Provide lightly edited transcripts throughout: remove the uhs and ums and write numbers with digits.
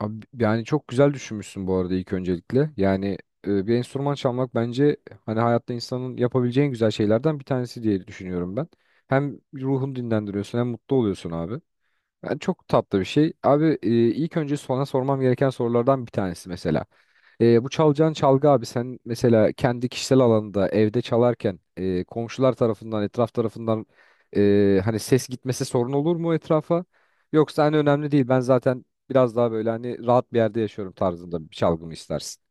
Abi, yani çok güzel düşünmüşsün bu arada ilk öncelikle. Bir enstrüman çalmak bence hani hayatta insanın yapabileceği en güzel şeylerden bir tanesi diye düşünüyorum ben. Hem ruhunu dinlendiriyorsun hem mutlu oluyorsun abi. Yani çok tatlı bir şey. İlk önce sana sormam gereken sorulardan bir tanesi mesela. Bu çalacağın çalgı abi sen mesela kendi kişisel alanında evde çalarken, komşular tarafından etraf tarafından, hani ses gitmesi sorun olur mu etrafa? Yoksa hani önemli değil, ben zaten biraz daha böyle hani rahat bir yerde yaşıyorum tarzında bir çalgı mı istersin?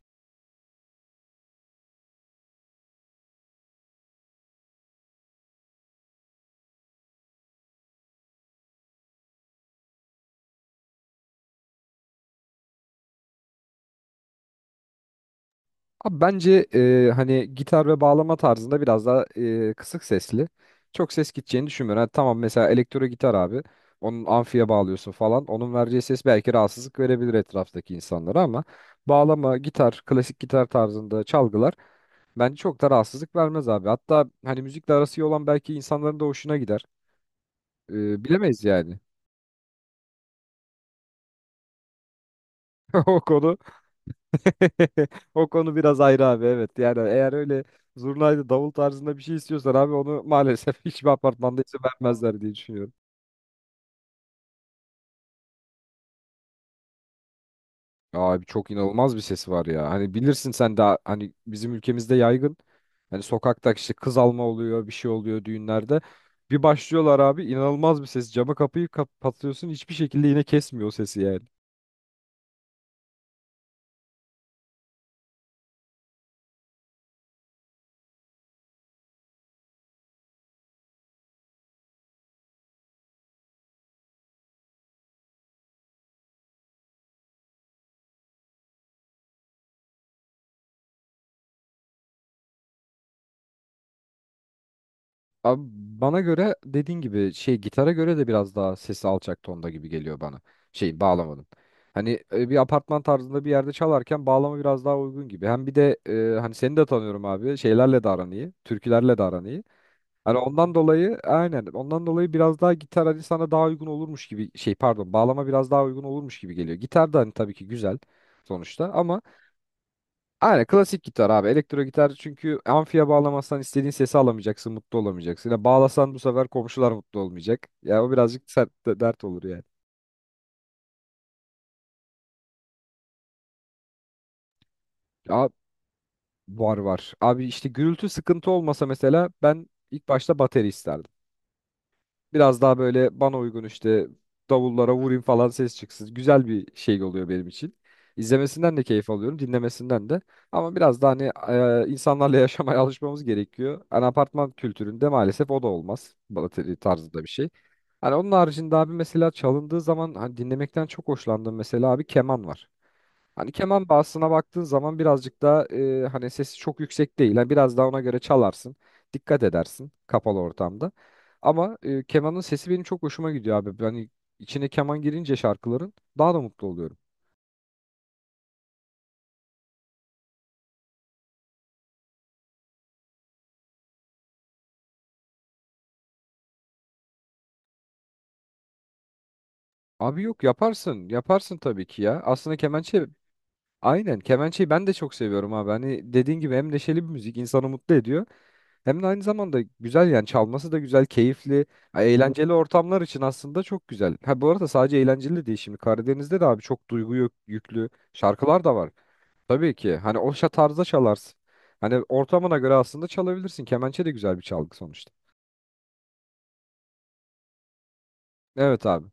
Abi bence hani gitar ve bağlama tarzında biraz daha kısık sesli. Çok ses gideceğini düşünmüyorum. Hani tamam, mesela elektro gitar abi. Onun amfiye bağlıyorsun falan. Onun vereceği ses belki rahatsızlık verebilir etraftaki insanlara ama bağlama, gitar, klasik gitar tarzında çalgılar bence çok da rahatsızlık vermez abi. Hatta hani müzikle arası iyi olan belki insanların da hoşuna gider. Bilemeyiz yani. O konu O konu biraz ayrı abi, evet. Yani eğer öyle zurnaydı davul tarzında bir şey istiyorsan abi onu maalesef hiçbir apartmanda izin vermezler diye düşünüyorum. Abi çok inanılmaz bir sesi var ya. Hani bilirsin sen, daha hani bizim ülkemizde yaygın. Hani sokakta işte kız alma oluyor, bir şey oluyor düğünlerde. Bir başlıyorlar abi, inanılmaz bir ses. Camı kapıyı kapatıyorsun, hiçbir şekilde yine kesmiyor o sesi yani. Abi bana göre dediğin gibi şey, gitara göre de biraz daha sesi alçak tonda gibi geliyor bana. Şeyin, bağlamanın. Hani bir apartman tarzında bir yerde çalarken bağlama biraz daha uygun gibi. Hem bir de, hani seni de tanıyorum abi. Şeylerle de aran iyi. Türkülerle de aran iyi. Hani ondan dolayı, aynen, ondan dolayı biraz daha gitar hani sana daha uygun olurmuş gibi, şey pardon, bağlama biraz daha uygun olurmuş gibi geliyor. Gitar da hani tabii ki güzel sonuçta ama aynen klasik gitar abi. Elektro gitar çünkü amfiye bağlamazsan istediğin sesi alamayacaksın, mutlu olamayacaksın. Ya bağlasan bu sefer komşular mutlu olmayacak. Ya o birazcık sert dert olur yani. Ya var var. Abi işte gürültü sıkıntı olmasa mesela ben ilk başta bateri isterdim. Biraz daha böyle bana uygun işte, davullara vurayım falan, ses çıksın. Güzel bir şey oluyor benim için. İzlemesinden de keyif alıyorum, dinlemesinden de. Ama biraz daha hani, insanlarla yaşamaya alışmamız gerekiyor. Hani apartman kültüründe maalesef o da olmaz. Balateli tarzında bir şey. Hani onun haricinde abi mesela çalındığı zaman hani dinlemekten çok hoşlandığım mesela abi, keman var. Hani keman bağısına baktığın zaman birazcık daha, hani sesi çok yüksek değil. Yani biraz daha ona göre çalarsın. Dikkat edersin kapalı ortamda. Ama kemanın sesi benim çok hoşuma gidiyor abi. Hani içine keman girince şarkıların daha da mutlu oluyorum. Abi yok, yaparsın. Yaparsın tabii ki ya. Aslında kemençe, aynen, kemençeyi ben de çok seviyorum abi. Hani dediğin gibi, hem neşeli bir müzik, insanı mutlu ediyor. Hem de aynı zamanda güzel, yani çalması da güzel, keyifli, ha, eğlenceli ortamlar için aslında çok güzel. Ha bu arada sadece eğlenceli değil, şimdi Karadeniz'de de abi çok duygu yüklü şarkılar da var. Tabii ki hani o tarzda çalarsın. Hani ortamına göre aslında çalabilirsin. Kemençe de güzel bir çalgı sonuçta. Evet abi.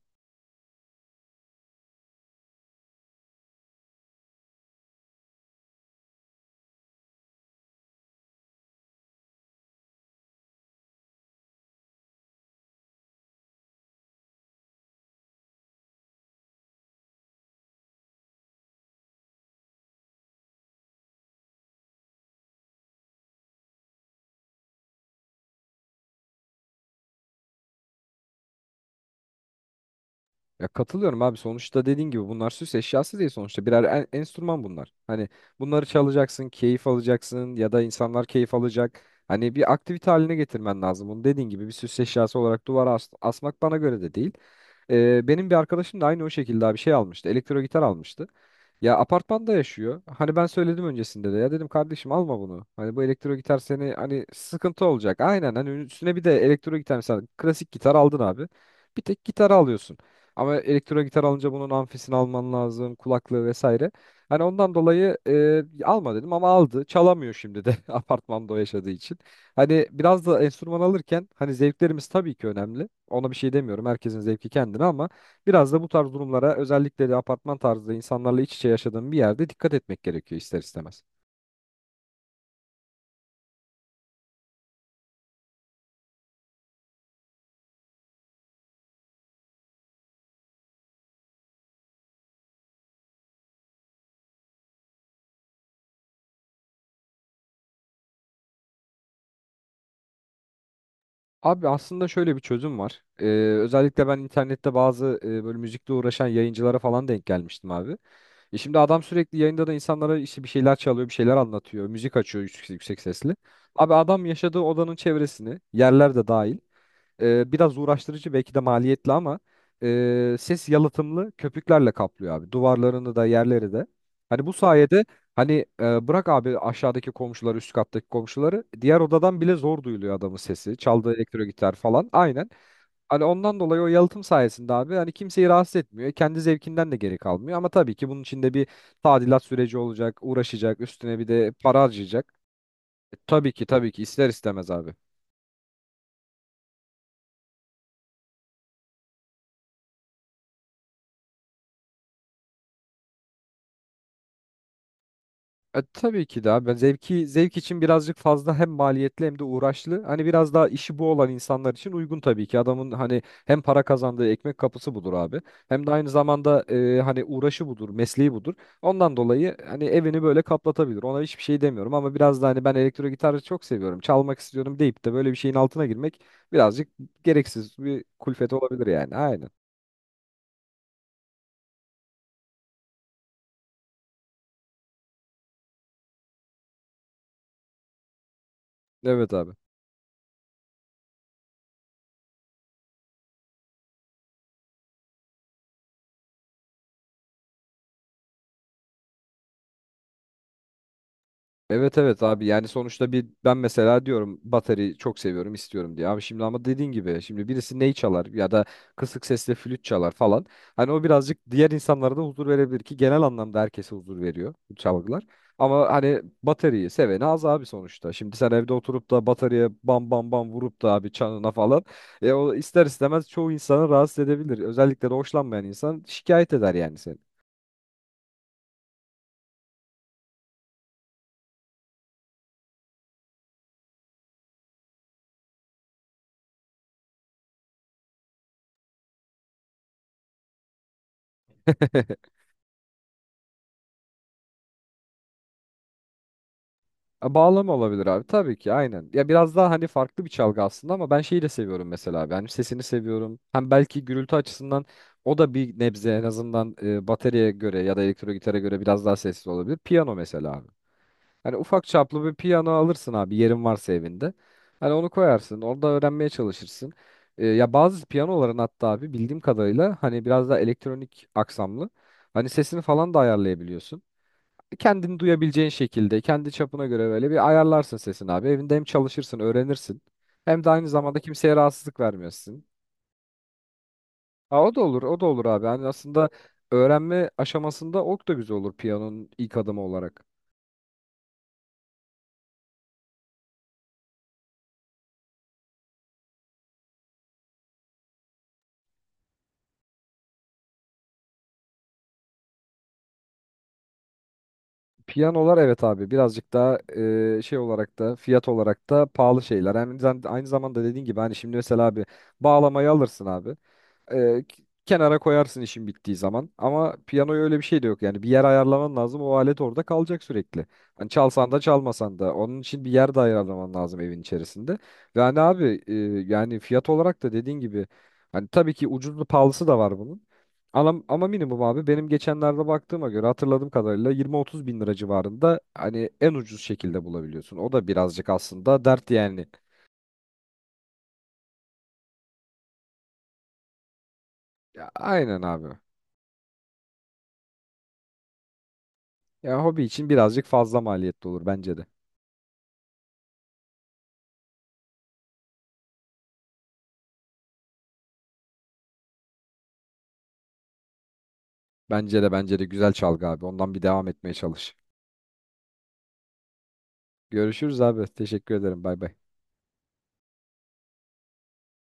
Ya katılıyorum abi, sonuçta dediğin gibi bunlar süs eşyası değil, sonuçta birer enstrüman bunlar. Hani bunları çalacaksın, keyif alacaksın ya da insanlar keyif alacak. Hani bir aktivite haline getirmen lazım. Bunu dediğin gibi bir süs eşyası olarak duvara asmak bana göre de değil. Benim bir arkadaşım da aynı o şekilde bir şey almıştı. Elektro gitar almıştı. Ya apartmanda yaşıyor. Hani ben söyledim öncesinde de. Ya dedim kardeşim, alma bunu. Hani bu elektro gitar seni hani sıkıntı olacak. Aynen, hani üstüne bir de elektro gitar, mesela klasik gitar aldın abi. Bir tek gitarı alıyorsun. Ama elektro gitar alınca bunun amfisini alman lazım, kulaklığı vesaire. Hani ondan dolayı, alma dedim ama aldı. Çalamıyor şimdi de apartmanda o yaşadığı için. Hani biraz da enstrüman alırken hani zevklerimiz tabii ki önemli. Ona bir şey demiyorum. Herkesin zevki kendine ama biraz da bu tarz durumlara, özellikle de apartman tarzı insanlarla iç içe yaşadığım bir yerde, dikkat etmek gerekiyor ister istemez. Abi aslında şöyle bir çözüm var. Özellikle ben internette bazı böyle müzikle uğraşan yayıncılara falan denk gelmiştim abi. E şimdi adam sürekli yayında da insanlara işte bir şeyler çalıyor, bir şeyler anlatıyor, müzik açıyor yüksek, yüksek sesli. Abi adam yaşadığı odanın çevresini, yerler de dahil, biraz uğraştırıcı belki de maliyetli ama ses yalıtımlı köpüklerle kaplıyor abi. Duvarlarını da, yerleri de. Hani bu sayede hani, bırak abi aşağıdaki komşuları, üst kattaki komşuları, diğer odadan bile zor duyuluyor adamın sesi. Çaldığı elektro gitar falan, aynen. Hani ondan dolayı o yalıtım sayesinde abi hani kimseyi rahatsız etmiyor. Kendi zevkinden de geri kalmıyor ama tabii ki bunun içinde bir tadilat süreci olacak, uğraşacak, üstüne bir de para harcayacak. E, tabii ki tabii ki, ister istemez abi. E, tabii ki de abi. Ben zevki zevk için birazcık fazla, hem maliyetli hem de uğraşlı. Hani biraz daha işi bu olan insanlar için uygun tabii ki. Adamın hani hem para kazandığı ekmek kapısı budur abi. Hem de aynı zamanda, hani uğraşı budur, mesleği budur. Ondan dolayı hani evini böyle kaplatabilir. Ona hiçbir şey demiyorum ama biraz da hani, ben elektro gitarı çok seviyorum, çalmak istiyorum deyip de böyle bir şeyin altına girmek birazcık gereksiz bir kulfet olabilir yani. Aynen. Evet abi. Evet evet abi, yani sonuçta bir ben mesela diyorum bateri çok seviyorum istiyorum diye. Abi şimdi ama dediğin gibi, şimdi birisi ney çalar ya da kısık sesle flüt çalar falan. Hani o birazcık diğer insanlara da huzur verebilir ki genel anlamda herkese huzur veriyor bu çalgılar. Ama hani bateriyi seveni az abi sonuçta. Şimdi sen evde oturup da bataryaya bam bam bam vurup da abi, çanına falan. E o ister istemez çoğu insanı rahatsız edebilir. Özellikle de hoşlanmayan insan şikayet eder yani seni. E, bağlama olabilir abi tabii ki, aynen. Ya biraz daha hani farklı bir çalgı aslında ama ben şeyi de seviyorum mesela abi. Hani sesini seviyorum. Hem belki gürültü açısından o da bir nebze en azından, bataryaya göre ya da elektro gitara göre biraz daha sessiz olabilir. Piyano mesela abi. Hani ufak çaplı bir piyano alırsın abi, yerin varsa evinde. Hani onu koyarsın orada, öğrenmeye çalışırsın. Ya bazı piyanoların hatta abi, bildiğim kadarıyla hani biraz daha elektronik aksamlı. Hani sesini falan da ayarlayabiliyorsun kendini duyabileceğin şekilde, kendi çapına göre böyle bir ayarlarsın sesini abi. Evinde hem çalışırsın, öğrenirsin. Hem de aynı zamanda kimseye rahatsızlık vermiyorsun. Ha, o da olur, o da olur abi. Yani aslında öğrenme aşamasında ok da güzel olur, piyanonun ilk adımı olarak. Piyanolar evet abi birazcık daha, şey olarak da fiyat olarak da pahalı şeyler. Yani aynı aynı zamanda dediğin gibi hani şimdi mesela abi bağlamayı alırsın abi. Kenara koyarsın işin bittiği zaman. Ama piyanoya öyle bir şey de yok. Yani bir yer ayarlaman lazım. O alet orada kalacak sürekli. Hani çalsan da çalmasan da. Onun için bir yer de ayarlaman lazım evin içerisinde. Ve hani abi, yani fiyat olarak da dediğin gibi hani tabii ki ucuzlu pahalısı da var bunun. Ama minimum abi, benim geçenlerde baktığıma göre hatırladığım kadarıyla 20-30 bin lira civarında hani en ucuz şekilde bulabiliyorsun. O da birazcık aslında dert yani. Ya, aynen abi. Ya hobi için birazcık fazla maliyetli olur bence de. Bence de güzel çalgı abi. Ondan bir devam etmeye çalış. Görüşürüz abi. Teşekkür ederim. Bay bay.